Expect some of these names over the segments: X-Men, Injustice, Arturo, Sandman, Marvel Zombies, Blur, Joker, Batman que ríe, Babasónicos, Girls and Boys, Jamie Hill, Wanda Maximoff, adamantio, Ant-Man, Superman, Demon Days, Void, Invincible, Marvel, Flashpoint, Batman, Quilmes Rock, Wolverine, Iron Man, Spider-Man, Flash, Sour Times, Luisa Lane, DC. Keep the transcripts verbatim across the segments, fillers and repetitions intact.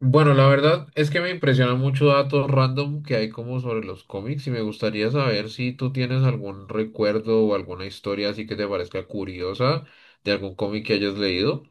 Bueno, la verdad es que me impresionan mucho datos random que hay como sobre los cómics y me gustaría saber si tú tienes algún recuerdo o alguna historia así que te parezca curiosa de algún cómic que hayas leído.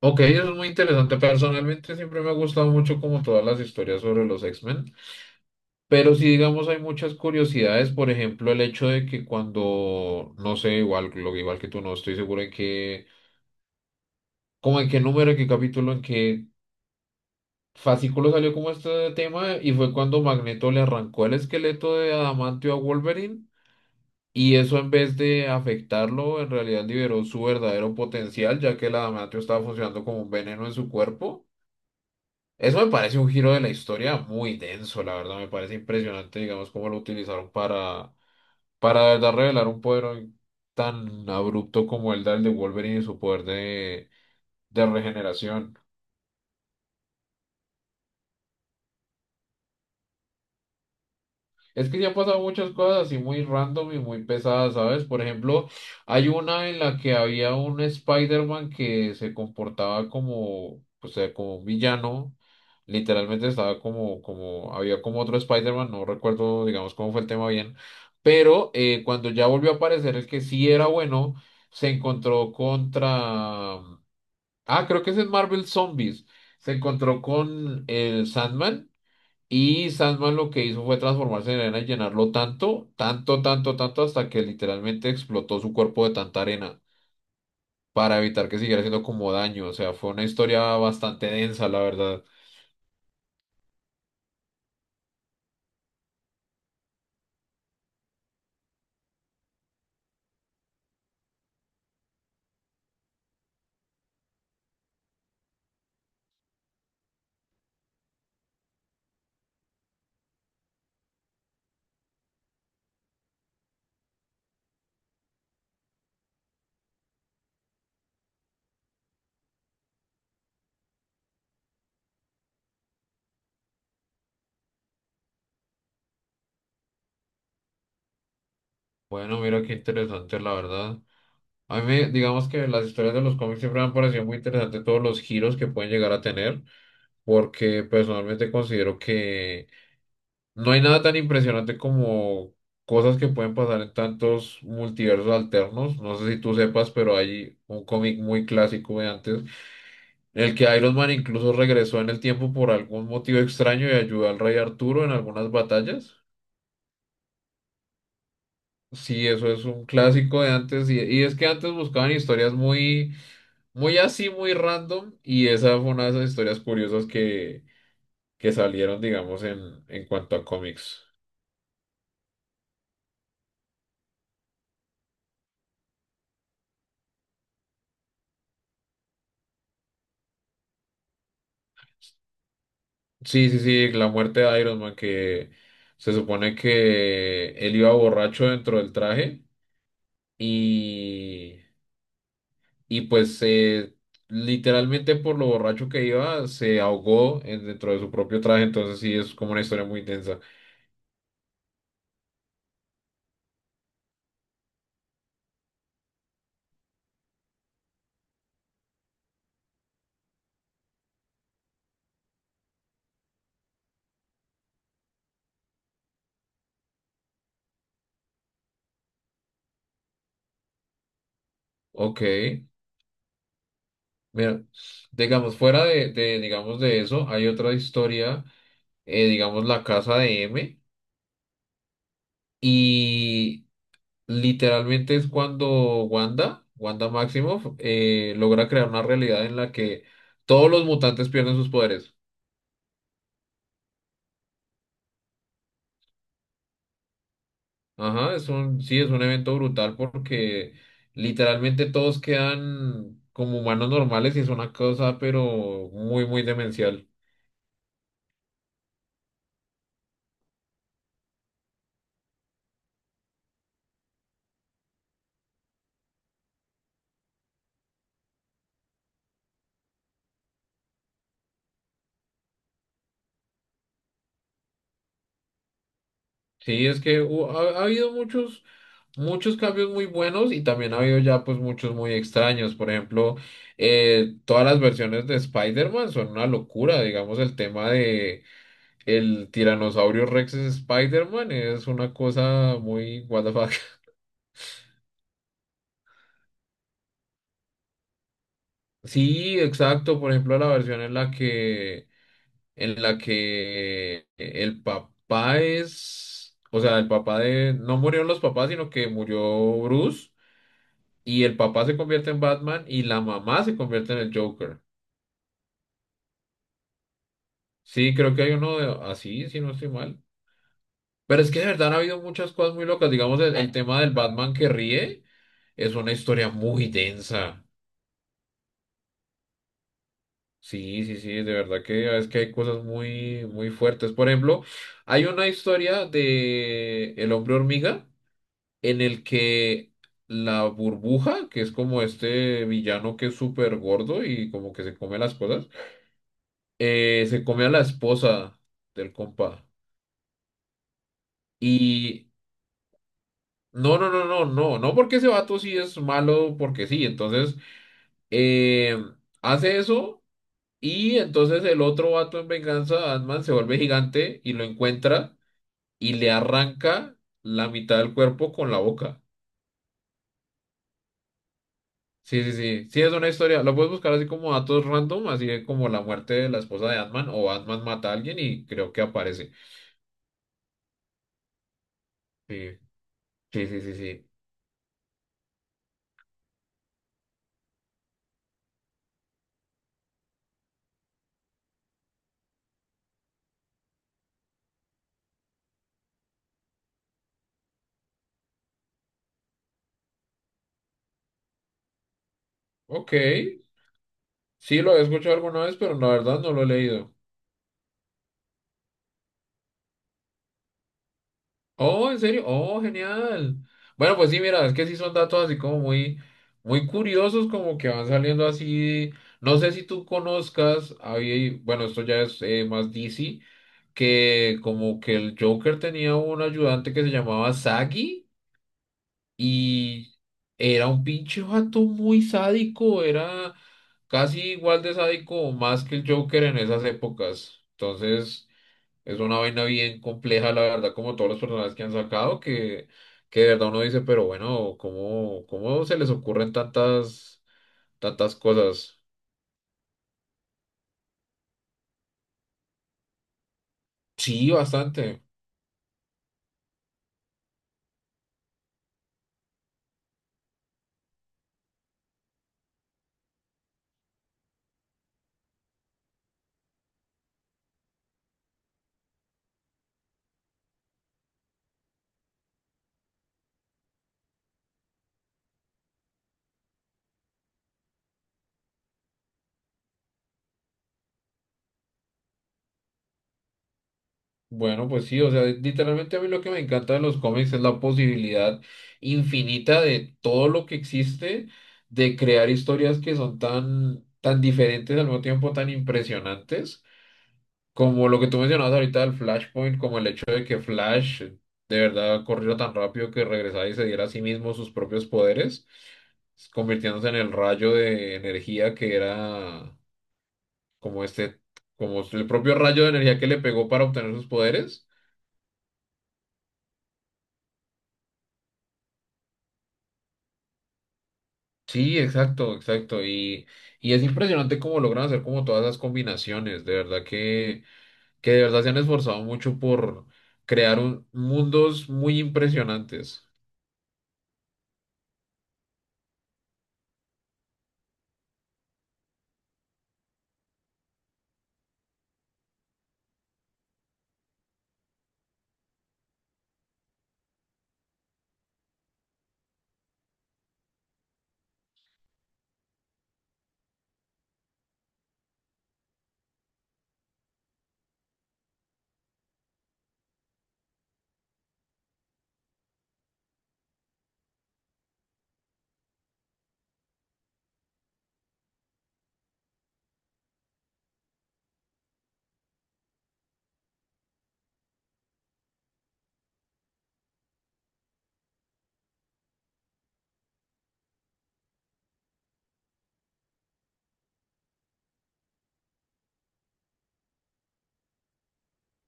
Ok, eso es muy interesante. Personalmente siempre me ha gustado mucho como todas las historias sobre los X-Men, pero si digamos hay muchas curiosidades, por ejemplo, el hecho de que cuando, no sé, igual, lo igual que tú no estoy seguro en qué, como en qué número, en qué capítulo, en qué fascículo salió como este tema y fue cuando Magneto le arrancó el esqueleto de adamantio a Wolverine y eso en vez de afectarlo en realidad liberó su verdadero potencial ya que el adamantio estaba funcionando como un veneno en su cuerpo. Eso me parece un giro de la historia muy denso, la verdad me parece impresionante digamos cómo lo utilizaron para para de verdad revelar un poder tan abrupto como el del de Wolverine y su poder de de regeneración. Es que se han pasado muchas cosas así muy random y muy pesadas, ¿sabes? Por ejemplo, hay una en la que había un Spider-Man que se comportaba como, o sea, como un villano. Literalmente estaba como, como, había como otro Spider-Man, no recuerdo, digamos, cómo fue el tema bien. Pero eh, cuando ya volvió a aparecer el que sí era bueno, se encontró contra... Ah, creo que es en Marvel Zombies. Se encontró con el Sandman. Y Sandman lo que hizo fue transformarse en arena y llenarlo tanto, tanto, tanto, tanto, hasta que literalmente explotó su cuerpo de tanta arena para evitar que siguiera haciendo como daño. O sea, fue una historia bastante densa, la verdad. Bueno, mira qué interesante, la verdad. A mí, me- digamos que las historias de los cómics siempre me han parecido muy interesantes todos los giros que pueden llegar a tener, porque personalmente considero que no hay nada tan impresionante como cosas que pueden pasar en tantos multiversos alternos. No sé si tú sepas, pero hay un cómic muy clásico de antes, en el que Iron Man incluso regresó en el tiempo por algún motivo extraño y ayudó al rey Arturo en algunas batallas. Sí, eso es un clásico de antes. Y, y es que antes buscaban historias muy, muy así, muy random. Y esa fue una de esas historias curiosas que, que salieron, digamos, en, en cuanto a cómics. Sí, sí, sí, la muerte de Iron Man, que se supone que él iba borracho dentro del traje y, y pues eh, literalmente por lo borracho que iba se ahogó en- dentro de su propio traje, entonces sí, es como una historia muy densa. Ok, mira, digamos, fuera de, de, digamos, de eso, hay otra historia, eh, digamos, La Casa de M. Y literalmente es cuando Wanda, Wanda Maximoff, eh, logra crear una realidad en la que todos los mutantes pierden sus poderes. Ajá, es un, sí, es un evento brutal porque literalmente todos quedan como humanos normales y es una cosa, pero muy, muy demencial. Sí, es que hu- ha, ha habido muchos, muchos cambios muy buenos y también ha habido ya pues muchos muy extraños. Por ejemplo, eh, todas las versiones de Spider-Man son una locura, digamos, el tema de el tiranosaurio Rex es Spider-Man es una cosa muy what the fuck. Sí, exacto. Por ejemplo, la versión en la que en la que el papá es, o sea, el papá de no murieron los papás, sino que murió Bruce y el papá se convierte en Batman y la mamá se convierte en el Joker. Sí, creo que hay uno de- así, si no estoy mal. Pero es que de verdad han habido muchas cosas muy locas. Digamos, el, el tema del Batman que ríe es una historia muy densa. Sí, sí, sí, de verdad que es que hay cosas muy, muy fuertes. Por ejemplo, hay una historia de El hombre hormiga en el que la burbuja, que es como este villano que es súper gordo y como que se come las cosas, eh, se come a la esposa del compa. Y no, no, no, no, no, no porque ese vato sí es malo, porque sí. Entonces, eh, hace eso y entonces el otro vato en venganza, Ant-Man, se vuelve gigante y lo encuentra y le arranca la mitad del cuerpo con la boca. Sí, sí, sí. Sí, es una historia. Lo puedes buscar así como datos random, así de como la muerte de la esposa de Ant-Man o Ant-Man mata a alguien y creo que aparece. Sí, sí, sí, sí, sí. Ok. Sí, lo he escuchado alguna vez, pero la verdad no lo he leído. Oh, ¿en serio? Oh, genial. Bueno, pues sí, mira, es que sí son datos así como muy, muy curiosos, como que van saliendo así. No sé si tú conozcas, hay- bueno, esto ya es eh, más D C, que como que el Joker tenía un ayudante que se llamaba Sagi y era un pinche vato muy sádico, era casi igual de sádico o más que el Joker en esas épocas. Entonces... Es una vaina bien compleja, la verdad, como todos los personajes que han sacado, que, que de verdad uno dice, pero bueno, ¿cómo, cómo se les ocurren tantas, tantas cosas? Sí, bastante. Bueno, pues sí, o sea, literalmente a mí lo que me encanta de los cómics es la posibilidad infinita de todo lo que existe, de crear historias que son tan, tan diferentes, al mismo tiempo tan impresionantes. Como lo que tú mencionabas ahorita del Flashpoint, como el hecho de que Flash de verdad corrió tan rápido que regresara y se diera a sí mismo sus propios poderes, convirtiéndose en el rayo de energía que era como este, como el propio rayo de energía que le pegó para obtener sus poderes. Sí, exacto, exacto. Y, y es impresionante cómo logran hacer como todas esas combinaciones. De verdad que, que de verdad se han esforzado mucho por crear un- mundos muy impresionantes.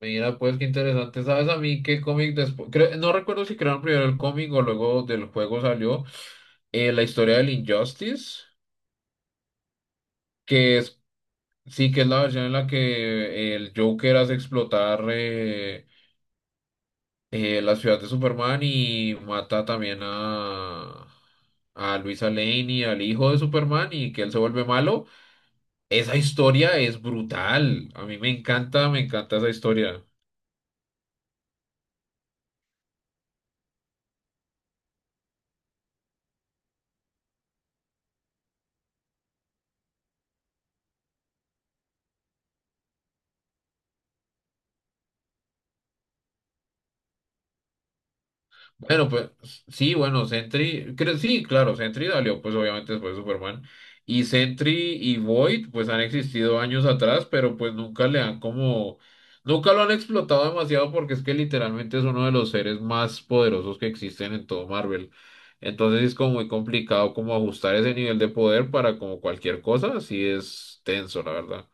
Mira, pues qué interesante. ¿Sabes a mí qué cómic después? No recuerdo si crearon primero el cómic o luego del juego salió eh, la historia del Injustice, que es sí que es la versión en la que el Joker hace explotar eh, eh, la ciudad de Superman y mata también a a Luisa Lane y al hijo de Superman y que él se vuelve malo. Esa historia es brutal. A mí me encanta, me encanta esa historia. Bueno, pues sí, bueno, Sentry, creo, sí, claro, Sentry salió pues obviamente después de Superman. Y Sentry y Void pues han existido años atrás, pero pues nunca le han como, nunca lo han explotado demasiado porque es que literalmente es uno de los seres más poderosos que existen en todo Marvel. Entonces es como muy complicado como ajustar ese nivel de poder para como cualquier cosa, así es tenso, la verdad.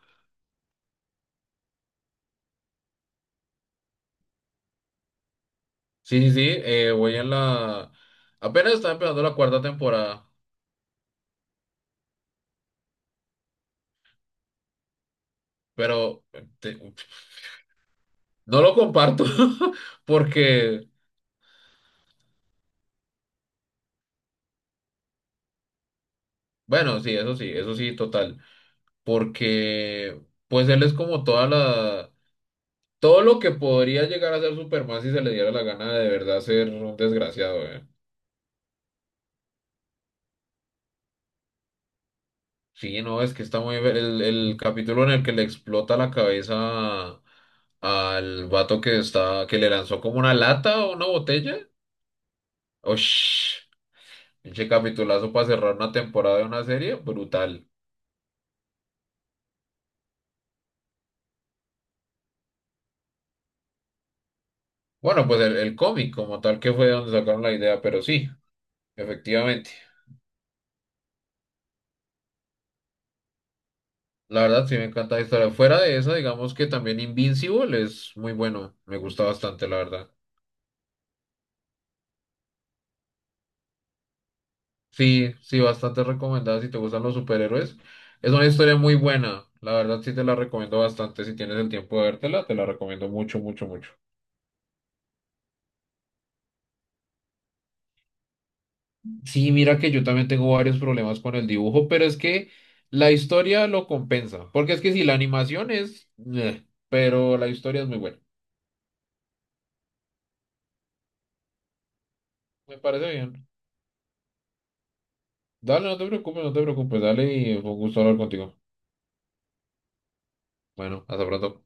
Sí, sí, sí, eh, voy en la... Apenas está empezando la cuarta temporada, pero... No lo comparto porque, bueno, sí, eso sí, eso sí, total. Porque, pues él es como toda la, todo lo que podría llegar a ser Superman si se le diera la gana de verdad ser un desgraciado, eh. Sí, no, es que está muy, ver- el, el capítulo en el que le explota la cabeza al vato que está, que le lanzó como una lata o una botella. Osh, pinche capitulazo para cerrar una temporada de una serie, brutal. Bueno, pues el, el cómic como tal que fue de donde sacaron la idea, pero sí, efectivamente. La verdad sí me encanta la historia. Fuera de esa, digamos que también Invincible es muy bueno. Me gusta bastante, la verdad. Sí, sí, bastante recomendada si te gustan los superhéroes. Es una historia muy buena. La verdad sí te la recomiendo bastante. Si tienes el tiempo de vértela, te la recomiendo mucho, mucho, mucho. Sí, mira que yo también tengo varios problemas con el dibujo, pero es que la historia lo compensa. Porque es que si la animación es... eh, pero la historia es muy buena. Me parece bien. Dale, no te preocupes, no te preocupes. Dale y fue un gusto hablar contigo. Bueno, hasta pronto.